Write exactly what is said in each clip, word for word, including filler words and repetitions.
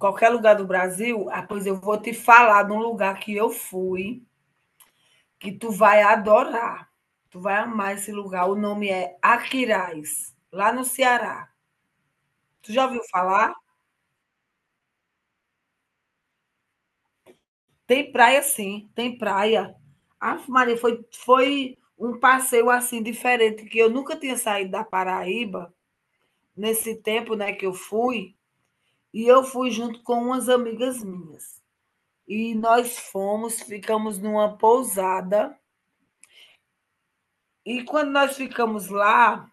Qualquer lugar do Brasil, ah, pois eu vou te falar de um lugar que eu fui, que tu vai adorar. Tu vai amar esse lugar. O nome é Aquiraz, lá no Ceará. Tu já ouviu falar? Tem praia sim, tem praia. Ah, Maria, foi, foi um passeio assim diferente, que eu nunca tinha saído da Paraíba nesse tempo né, que eu fui, e eu fui junto com umas amigas minhas. E nós fomos, ficamos numa pousada. E quando nós ficamos lá,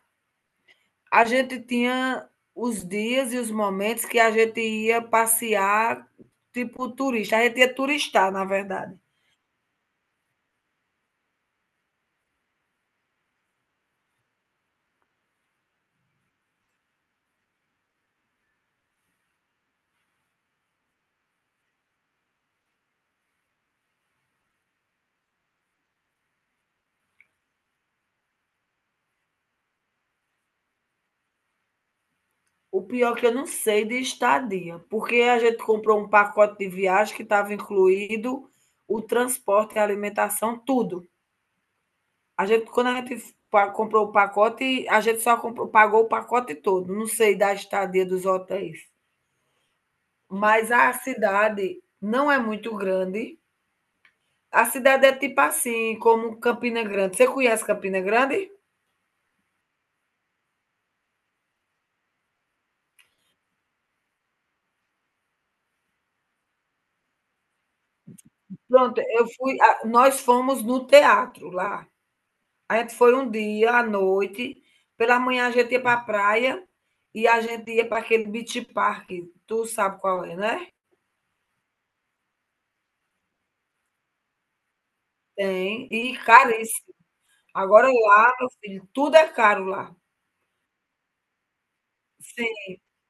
a gente tinha os dias e os momentos que a gente ia passear, tipo turista. A gente ia turistar, na verdade. O pior é que eu não sei de estadia, porque a gente comprou um pacote de viagem que estava incluído o transporte, a alimentação, tudo. A gente, quando a gente pa- comprou o pacote, a gente só comprou- pagou o pacote todo. Não sei da estadia dos hotéis. Mas a cidade não é muito grande. A cidade é tipo assim, como Campina Grande. Você conhece Campina Grande? Pronto, eu fui a nós fomos no teatro lá. A gente foi um dia à noite, pela manhã a gente ia para a praia e a gente ia para aquele beach park, tu sabe qual é, né? Tem, e caríssimo. Agora lá, meu filho, tudo é caro lá. Sim,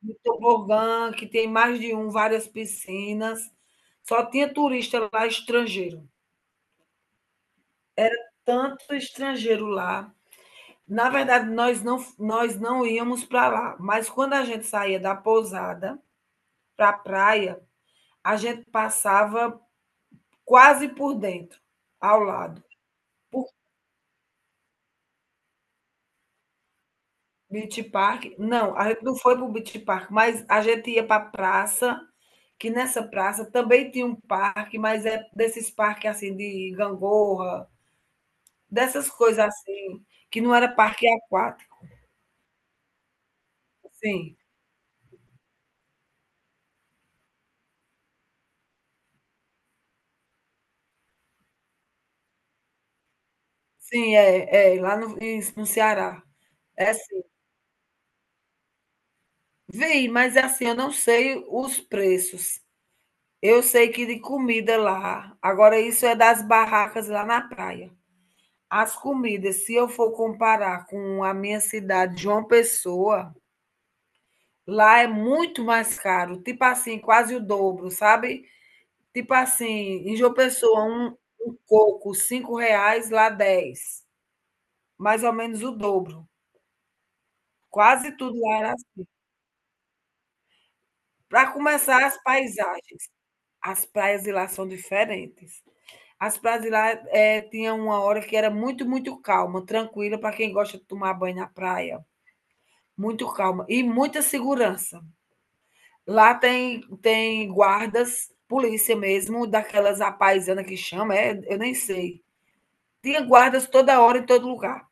no tobogã, que tem mais de um, várias piscinas. Só tinha turista lá, estrangeiro. Tanto estrangeiro lá. Na verdade, nós não, nós não íamos para lá, mas quando a gente saía da pousada para a praia, a gente passava quase por dentro, ao lado. Por Beach Park, não, a gente não foi para o Beach Park, mas a gente ia para a praça, que nessa praça também tinha um parque, mas é desses parques assim de gangorra, dessas coisas assim, que não era parque aquático. Sim, sim, é, é lá no, em- no Ceará. É. Vem, mas é assim, eu não sei os preços. Eu sei que de comida lá. Agora, isso é das barracas lá na praia. As comidas, se eu for comparar com a minha cidade, João Pessoa, lá é muito mais caro, tipo assim, quase o dobro, sabe? Tipo assim, em João Pessoa, um, um coco, cinco reais, lá dez. Mais ou menos o dobro. Quase tudo lá era assim. Para começar, as paisagens. As praias de lá são diferentes. As praias de lá, eh, tinha uma hora que era muito, muito calma, tranquila para quem gosta de tomar banho na praia, muito calma e muita segurança. Lá tem tem guardas, polícia mesmo, daquelas à que chama, é, eu nem sei. Tinha guardas toda hora em todo lugar.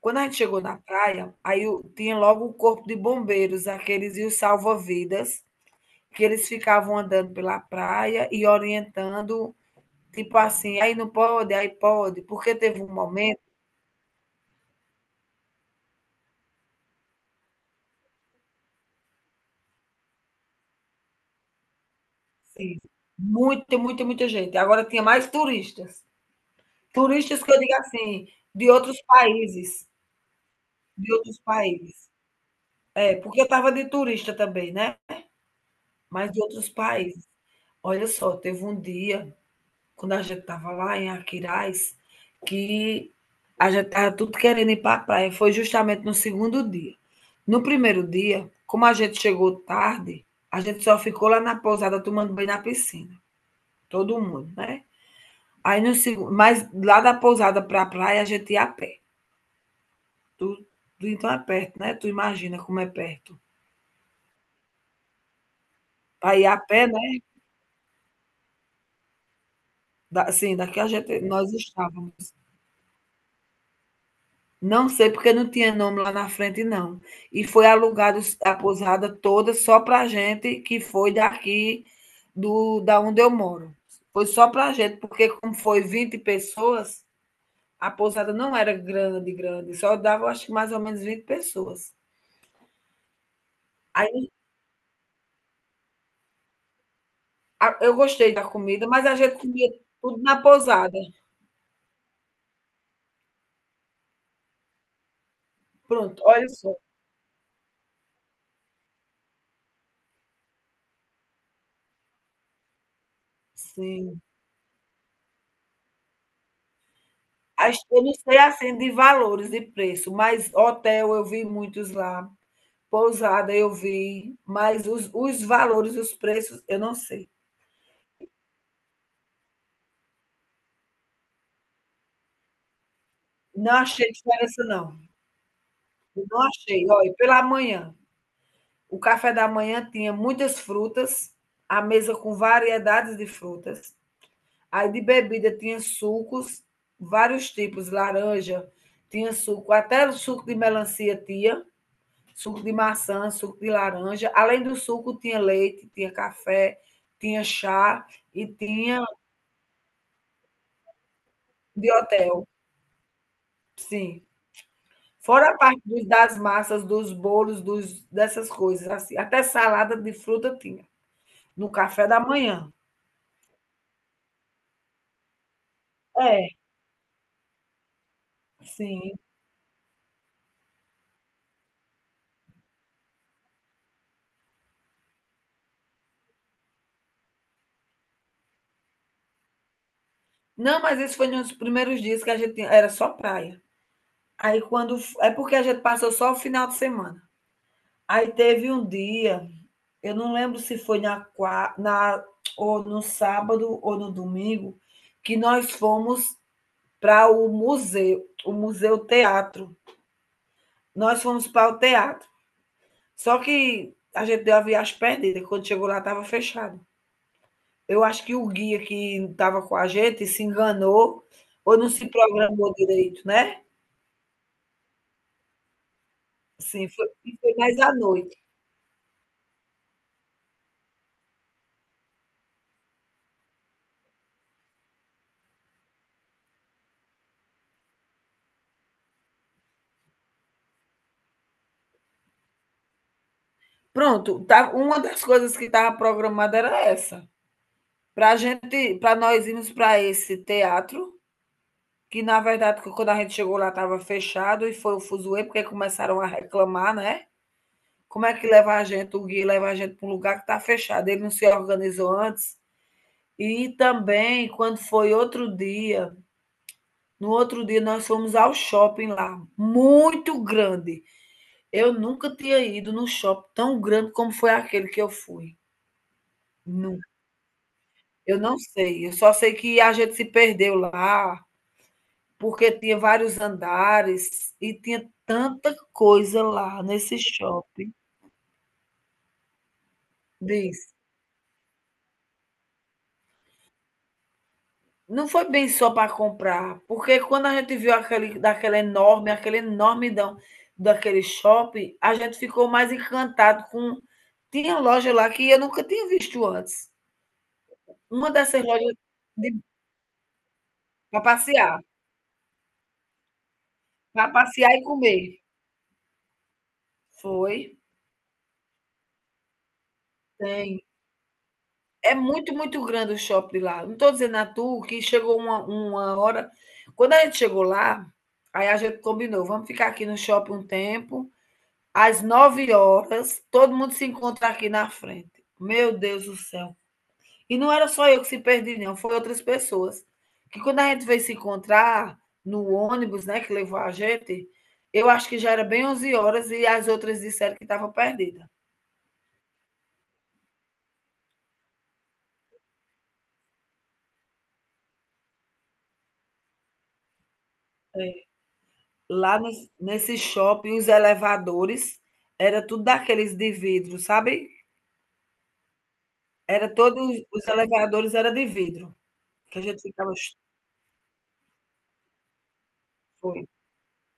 Quando a gente chegou na praia, aí o tinha logo o corpo de bombeiros, aqueles e os salva-vidas, que eles ficavam andando pela praia e orientando, tipo assim: "Aí não pode, aí pode", porque teve um momento. Sim. Muita, muita, muita gente. Agora tinha mais turistas. Turistas que eu digo assim, de outros países, de outros países. É, porque eu estava de turista também, né, mas de outros países. Olha só, teve um dia, quando a gente estava lá em Aquiraz, que a gente estava tudo querendo ir para a praia, foi justamente no segundo dia. No primeiro dia, como a gente chegou tarde, a gente só ficou lá na pousada tomando banho na piscina, todo mundo, né. Aí no segundo, mas lá da pousada para a praia a gente ia a pé. Tu, tu então é perto, né? Tu imagina como é perto. Para ir a pé, né? Da, assim, daqui a gente nós estávamos. Não sei porque não tinha nome lá na frente não. E foi alugado a pousada toda só para gente que foi daqui do da onde eu moro. Foi só para gente, porque como foi vinte pessoas, a pousada não era grande, grande, só dava acho que mais ou menos vinte pessoas. Ah, eu gostei da comida, mas a gente comia tudo na pousada. Pronto, olha só. Sim. As Eu não sei, assim, de valores e preço, mas hotel eu vi muitos lá, pousada eu vi, mas os os valores, os preços, eu não sei. Não achei diferença não, eu não achei. Olha, pela manhã, o café da manhã tinha muitas frutas, a mesa com variedades de frutas. Aí de bebida tinha sucos, vários tipos, laranja, tinha suco, até o suco de melancia tinha, suco de maçã, suco de laranja. Além do suco, tinha leite, tinha café, tinha chá e tinha de hotel. Sim. Fora a parte dos- das massas, dos bolos, dos, dessas coisas, assim. Até salada de fruta tinha, no café da manhã. É, sim. Não, mas isso foi nos primeiros dias que a gente tinha- era só praia. Aí quando. É porque a gente passou só o final de semana. Aí teve um dia, eu não lembro se foi na, qua- na ou no sábado ou no domingo, que nós fomos para o museu, o Museu Teatro. Nós fomos para o teatro. Só que a gente deu a viagem perdida. Quando chegou lá, estava fechado. Eu acho que o guia que estava com a gente se enganou ou não se programou direito, né? Sim, foi, foi mais à noite. Pronto, tá, uma das coisas que estava programada era essa. Para gente, para nós irmos para esse teatro, que na verdade, quando a gente chegou lá, estava fechado e foi o fuzuê, porque começaram a reclamar, né? Como é que leva a gente, o Gui leva a gente para um lugar que está fechado, ele não se organizou antes. E também, quando foi outro dia, no outro dia nós fomos ao shopping lá, muito grande. Eu nunca tinha ido num shopping tão grande como foi aquele que eu fui. Nunca. Eu não sei, eu só sei que a gente se perdeu lá, porque tinha vários andares e tinha tanta coisa lá nesse shopping. Diz. Não foi bem só para comprar, porque quando a gente viu aquele daquela enorme aquele enormidão daquele shopping, a gente ficou mais encantado com tinha loja lá que eu nunca tinha visto antes. Uma dessas lojas para passear, para passear e comer. Foi, tem. É muito, muito grande o shopping lá. Não estou dizendo a tu que chegou uma, uma hora. Quando a gente chegou lá, aí a gente combinou, vamos ficar aqui no shopping um tempo. Às nove horas, todo mundo se encontra aqui na frente. Meu Deus do céu. E não era só eu que se perdi, não, foi outras pessoas. Que quando a gente veio se encontrar no ônibus, né, que levou a gente, eu acho que já era bem onze horas e as outras disseram que estava perdida. Lá nos Nesse shopping, os elevadores era tudo daqueles de vidro, sabe? Era todos os elevadores era de vidro, que a gente ficava, foi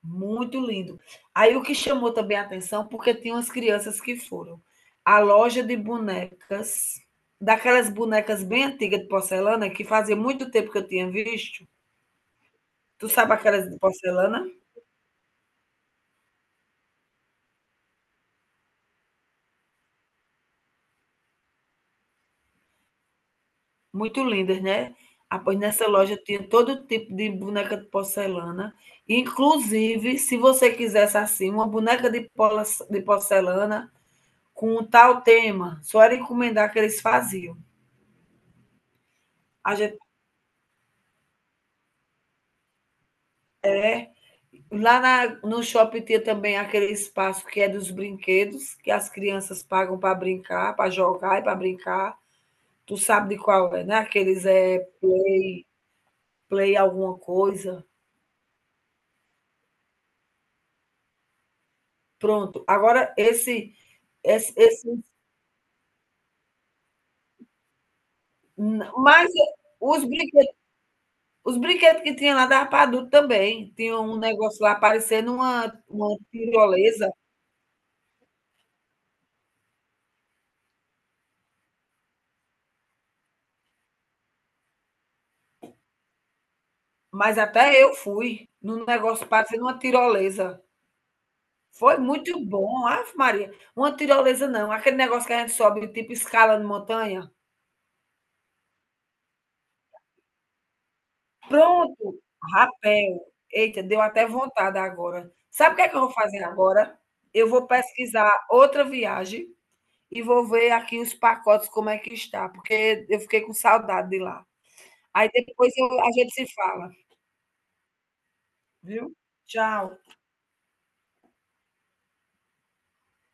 muito lindo. Aí o que chamou também a atenção, porque tinha umas crianças que foram, a loja de bonecas, daquelas bonecas bem antigas de porcelana, que fazia muito tempo que eu tinha visto. Tu sabe aquelas de porcelana? Muito lindas, né? Ah, pois nessa loja tinha todo tipo de boneca de porcelana. Inclusive, se você quisesse assim, uma boneca de polas- de porcelana com um tal tema, só era encomendar que eles faziam. A gente, lá na, no shopping tinha também aquele espaço que é dos brinquedos, que as crianças pagam para brincar, para jogar e para brincar. Tu sabe de qual é, né? Aqueles é play, play alguma coisa. Pronto. Agora, esse, esse, esse mas os brinquedos, os brinquedos que tinha lá dava para adulto também. Tinha um negócio lá parecendo uma, uma tirolesa, mas até eu fui num negócio parecendo uma tirolesa. Foi muito bom, Ave Maria. Uma tirolesa não, aquele negócio que a gente sobe, tipo escala de montanha. Pronto, rapel. Eita, deu até vontade agora. Sabe o que é que eu vou fazer agora? Eu vou pesquisar outra viagem e vou ver aqui os pacotes como é que está, porque eu fiquei com saudade de lá. Aí depois eu a gente se fala, viu? Tchau.